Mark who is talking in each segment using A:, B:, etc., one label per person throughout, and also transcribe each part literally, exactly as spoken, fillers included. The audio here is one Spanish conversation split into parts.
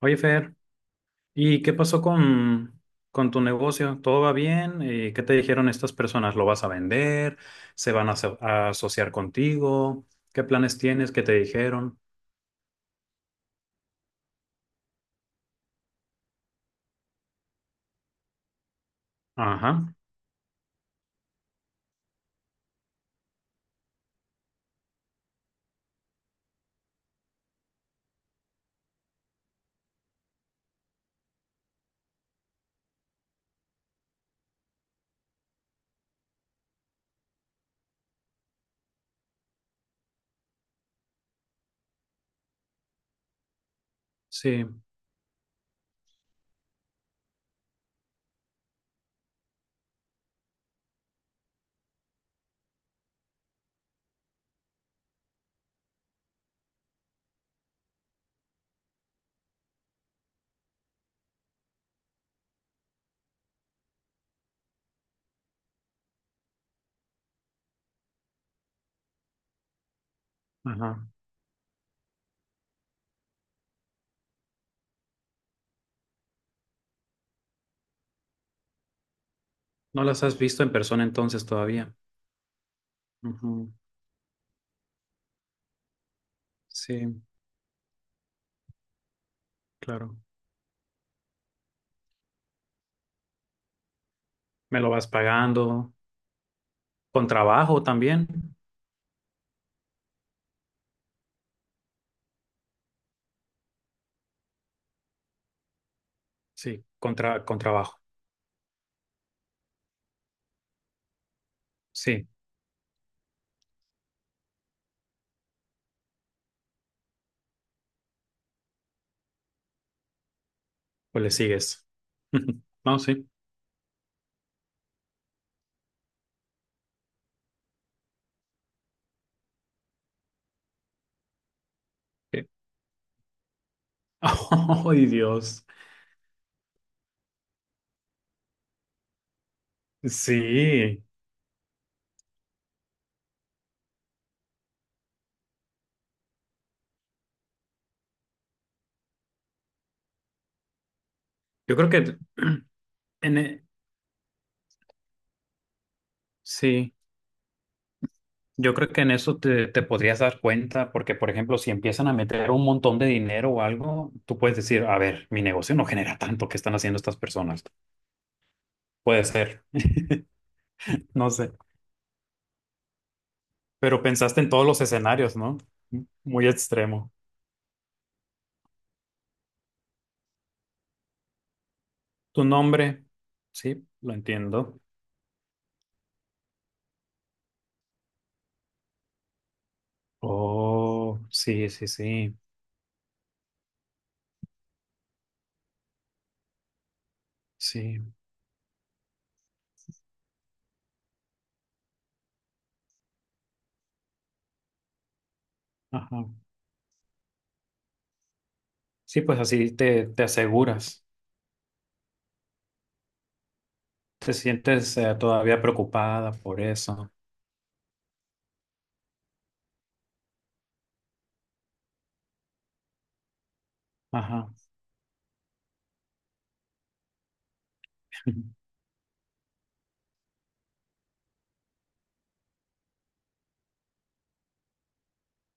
A: Oye, Fer, ¿y qué pasó con, con tu negocio? ¿Todo va bien? Eh, ¿Qué te dijeron estas personas? ¿Lo vas a vender? ¿Se van a, aso- a asociar contigo? ¿Qué planes tienes? ¿Qué te dijeron? Ajá, sí, ajá. ¿No las has visto en persona entonces todavía? Ujú. Sí, claro. ¿Me lo vas pagando? ¿Con trabajo también? Sí, con, tra- con trabajo. Sí, pues le sigues. No, sí. Sí. ¡Ay, Dios! Sí. Yo creo que en, e- sí, yo creo que en eso te, te podrías dar cuenta, porque por ejemplo, si empiezan a meter un montón de dinero o algo, tú puedes decir, a ver, mi negocio no genera tanto que están haciendo estas personas. Puede ser, no sé. Pero pensaste en todos los escenarios, ¿no? Muy extremo. Tu nombre, sí, lo entiendo. Oh, sí, sí, sí, sí, ajá. Sí, pues así te, te aseguras. Te sientes eh, todavía preocupada por eso. Ajá.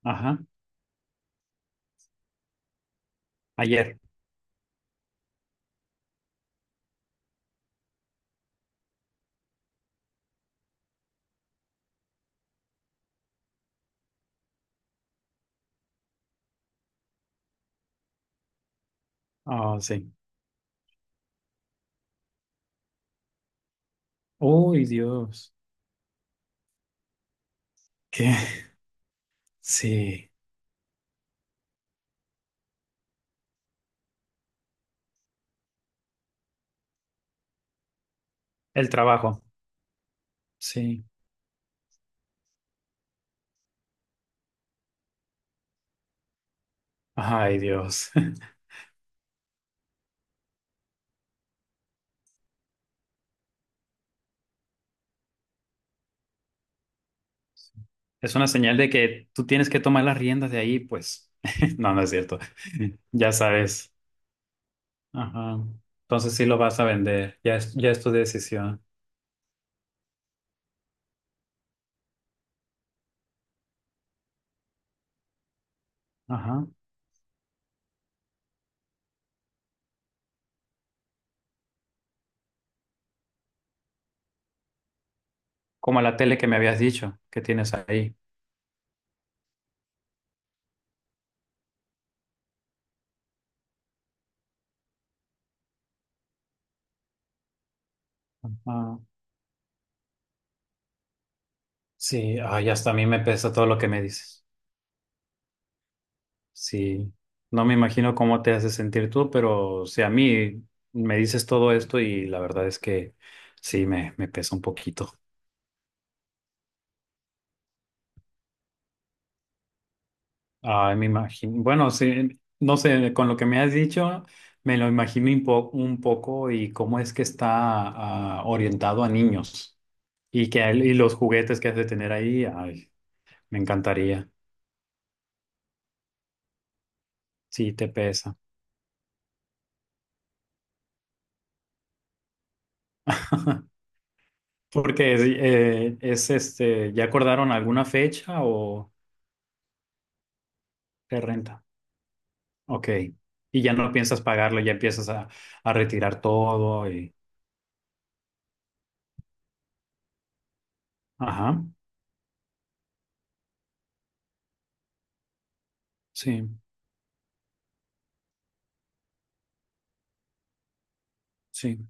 A: Ajá, ayer. Ah, sí. Uy, Dios. ¿Qué? Sí, el trabajo. Sí. Ay, Dios. Es una señal de que tú tienes que tomar las riendas de ahí, pues. No, no es cierto. Ya sabes. Ajá. Entonces sí lo vas a vender. Ya es, ya es tu decisión. Ajá. Como la tele que me habías dicho que tienes ahí. Ajá. Sí, ay, hasta a mí me pesa todo lo que me dices. Sí, no me imagino cómo te hace sentir tú, pero si a mí me dices todo esto y la verdad es que sí, me, me pesa un poquito. Ay, me imagino. Bueno, sí, no sé, con lo que me has dicho, me lo imagino un, po- un poco y cómo es que está ah, orientado a niños y que el- y los juguetes que has de tener ahí, ay, me encantaría. Sí, te pesa. Porque es, eh, es este, ¿ya acordaron alguna fecha o qué renta? Ok. Y ya no piensas pagarlo, ya empiezas a, a retirar todo y... Ajá. Sí, sí.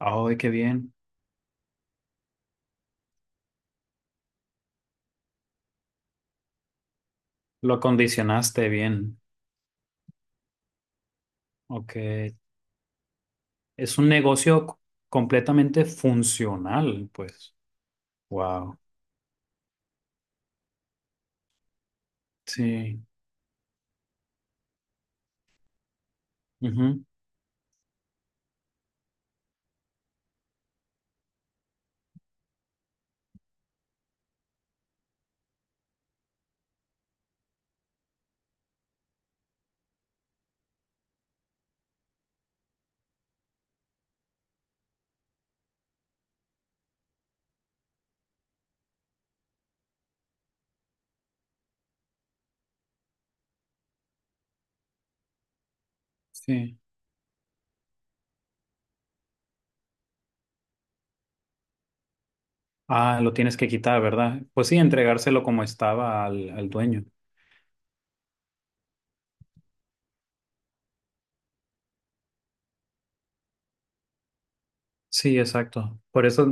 A: Ay, qué bien. Lo acondicionaste bien. Ok. Es un negocio c- completamente funcional, pues. Wow. Sí. Ujú. Sí. Ah, lo tienes que quitar, ¿verdad? Pues sí, entregárselo como estaba al, al dueño. Sí, exacto. Por eso,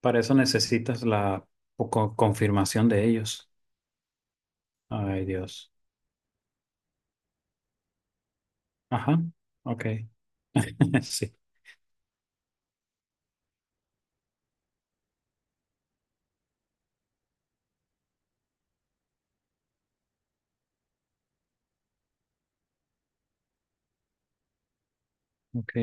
A: para eso necesitas la co- confirmación de ellos. Ay, Dios. Ajá. Ok. Sí. Ok.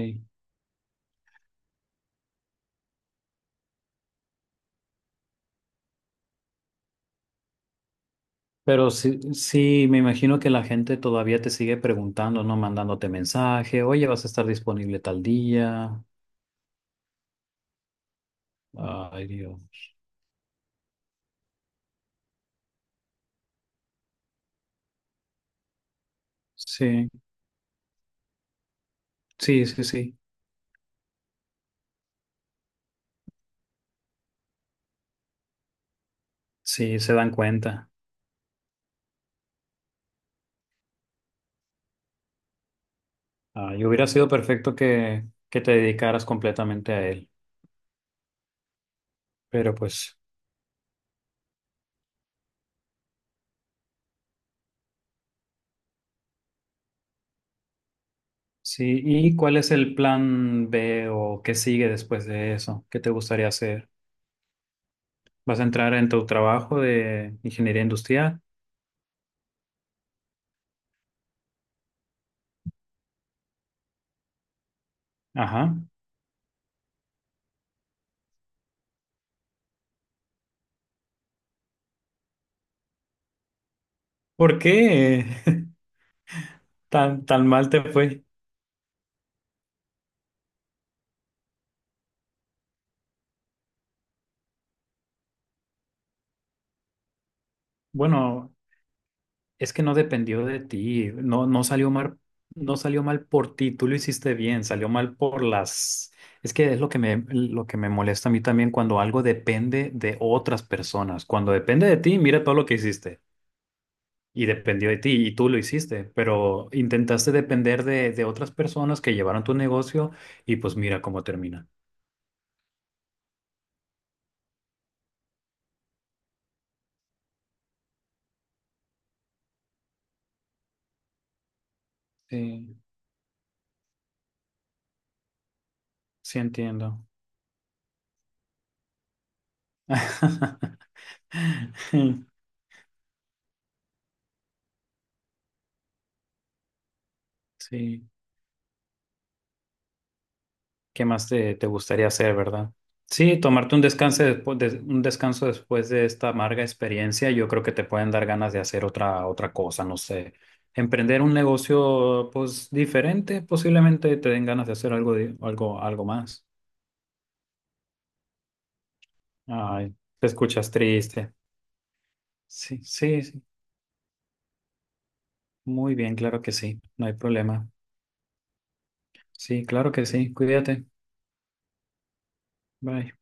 A: Pero sí, sí, me imagino que la gente todavía te sigue preguntando, ¿no? Mandándote mensaje, oye, vas a estar disponible tal día. Ay, Dios. Sí, sí, sí, sí. Sí, se dan cuenta. Ay, hubiera sido perfecto que, que te dedicaras completamente a él. Pero pues, sí. ¿Y cuál es el plan B o qué sigue después de eso? ¿Qué te gustaría hacer? ¿Vas a entrar en tu trabajo de ingeniería industrial? Ajá. ¿Por qué? Tan, tan mal te fue. Bueno, es que no dependió de ti. No, no salió mal, no salió mal por ti. Tú lo hiciste bien, salió mal por las. Es que es lo que me, lo que me molesta a mí también cuando algo depende de otras personas. Cuando depende de ti, mira todo lo que hiciste. Y dependió de ti y tú lo hiciste, pero intentaste depender de, de otras personas que llevaron tu negocio y pues mira cómo termina. Sí, sí entiendo. Sí. ¿Qué más te, te gustaría hacer, verdad? Sí, tomarte un descanso después de, un descanso después de esta amarga experiencia, yo creo que te pueden dar ganas de hacer otra, otra cosa, no sé. Emprender un negocio, pues, diferente, posiblemente te den ganas de hacer algo, di- algo, algo más. Ay, te escuchas triste. Sí, sí, sí. Muy bien, claro que sí. No hay problema. Sí, claro que sí. Cuídate. Bye.